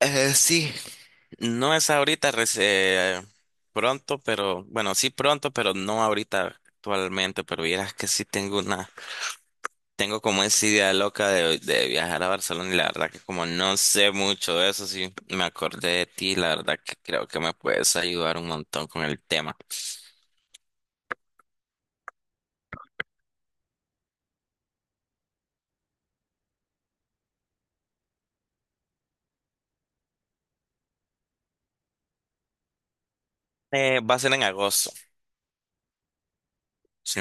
Sí, no es ahorita, pronto, pero bueno, sí pronto, pero no ahorita actualmente, pero vieras que sí tengo como esa idea loca de viajar a Barcelona y la verdad que como no sé mucho de eso, sí me acordé de ti, la verdad que creo que me puedes ayudar un montón con el tema. Va a ser en agosto, sí.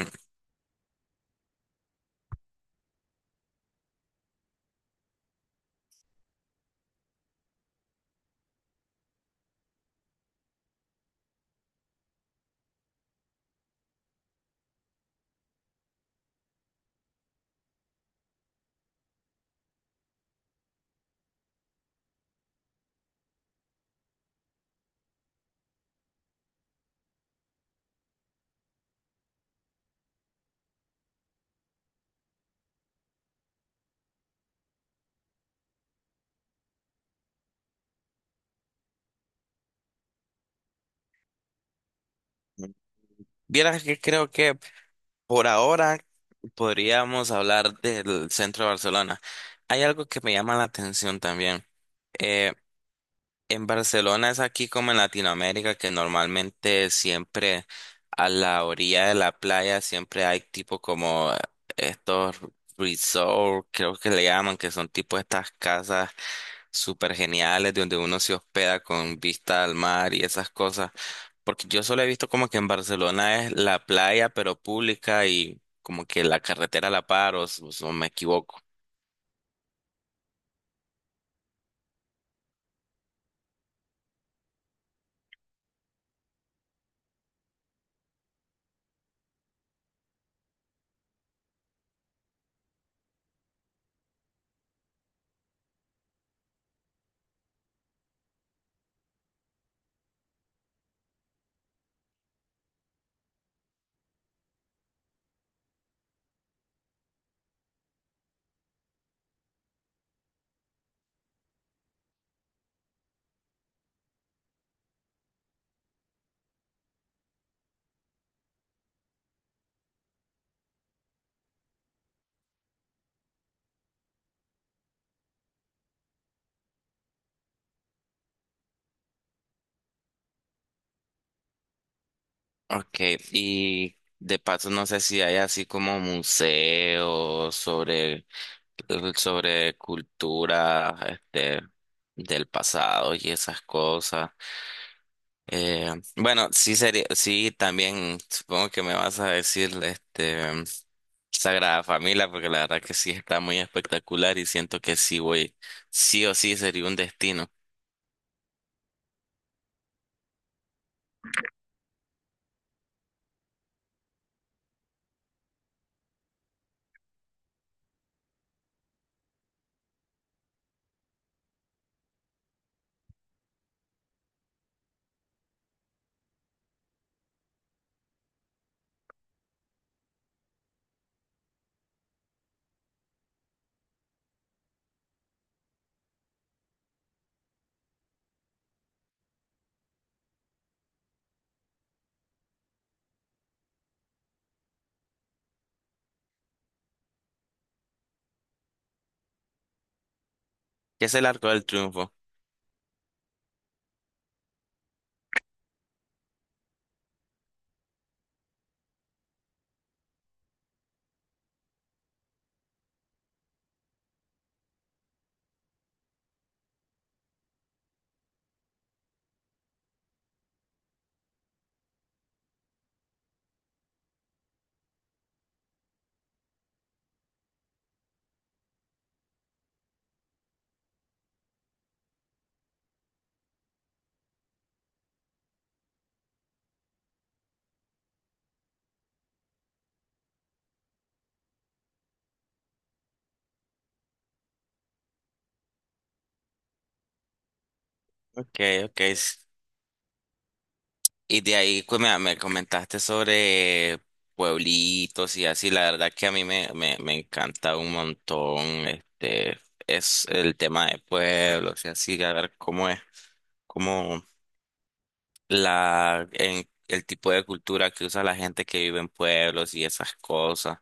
Vieras que creo que por ahora podríamos hablar del centro de Barcelona. Hay algo que me llama la atención también. eh, en Barcelona es aquí como en Latinoamérica que normalmente siempre a la orilla de la playa siempre hay tipo como estos resorts, creo que le llaman, que son tipo estas casas súper geniales donde uno se hospeda con vista al mar y esas cosas. Porque yo solo he visto como que en Barcelona es la playa pero pública y como que la carretera a la par o me equivoco. Okay, y de paso no sé si hay así como museos sobre cultura, este, del pasado y esas cosas. Bueno, sí sería, sí también supongo que me vas a decir, este, Sagrada Familia, porque la verdad que sí está muy espectacular y siento que sí voy, sí o sí sería un destino. ¿Qué es el Arco del Triunfo? Okay, okay. Y de ahí pues, me comentaste sobre pueblitos y así, la verdad que a mí me encanta un montón, este, es el tema de pueblos y así, a ver cómo es, cómo la en el tipo de cultura que usa la gente que vive en pueblos y esas cosas.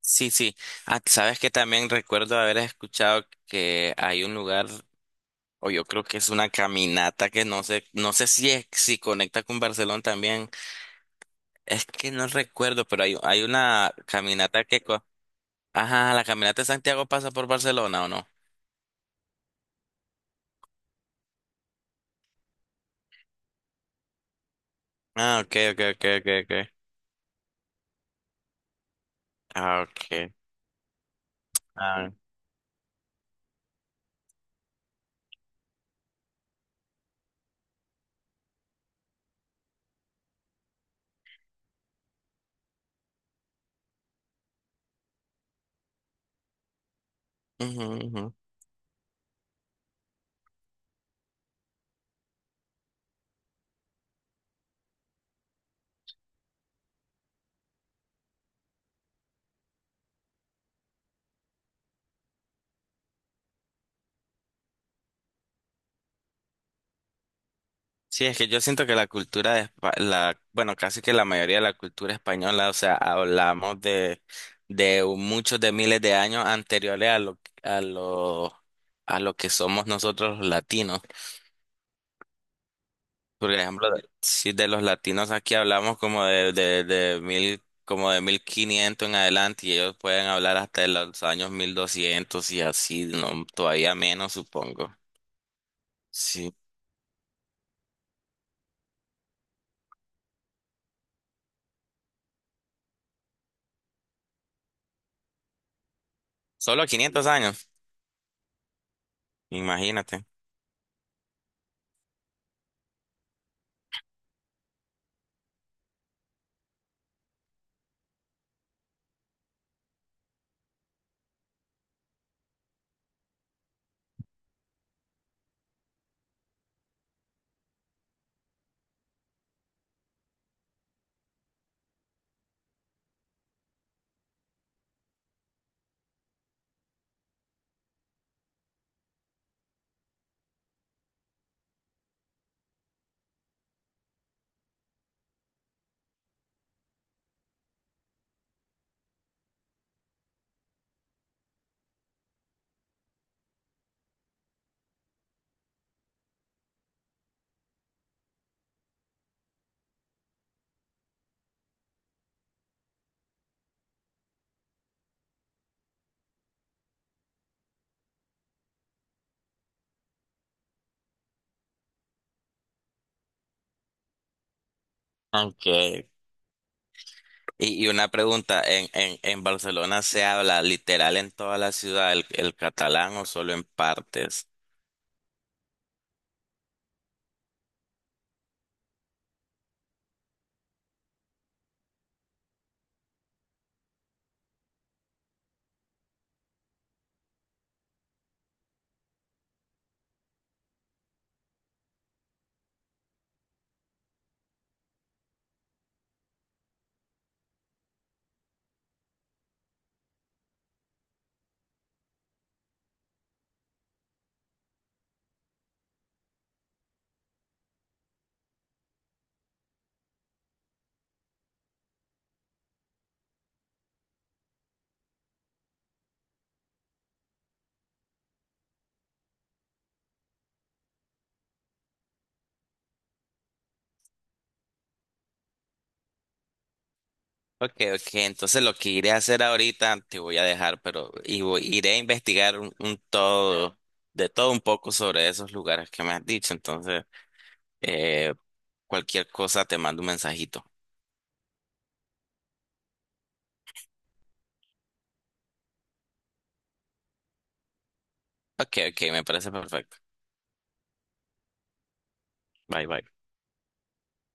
Sí, sí. Ah, sabes que también recuerdo haber escuchado que hay un lugar o yo creo que es una caminata que no sé si conecta con Barcelona también. Es que no recuerdo, pero hay una caminata que. Ajá, la caminata de Santiago pasa por Barcelona, ¿o no? Ah, ok, ok, ok, ok, ok. Ah, ok. Ah, ujú, ujú. Sí, es que yo siento que la cultura de la, bueno, casi que la mayoría de la cultura española, o sea, hablamos de muchos de miles de años anteriores a lo, a lo que somos nosotros los latinos. Por ejemplo, si de los latinos aquí hablamos como de mil, como de 1500 en adelante y ellos pueden hablar hasta de los años 1200 y así, no, todavía menos supongo. Sí, solo 500 años, imagínate. Okay, y una pregunta, ¿en Barcelona se habla literal en toda la ciudad el catalán o solo en partes? Ok, ok, entonces lo que iré a hacer ahorita te voy a dejar, pero iré a investigar de todo un poco sobre esos lugares que me has dicho. Entonces, eh, cualquier cosa te mando un mensajito. Ok, ok, me parece perfecto. Bye, bye.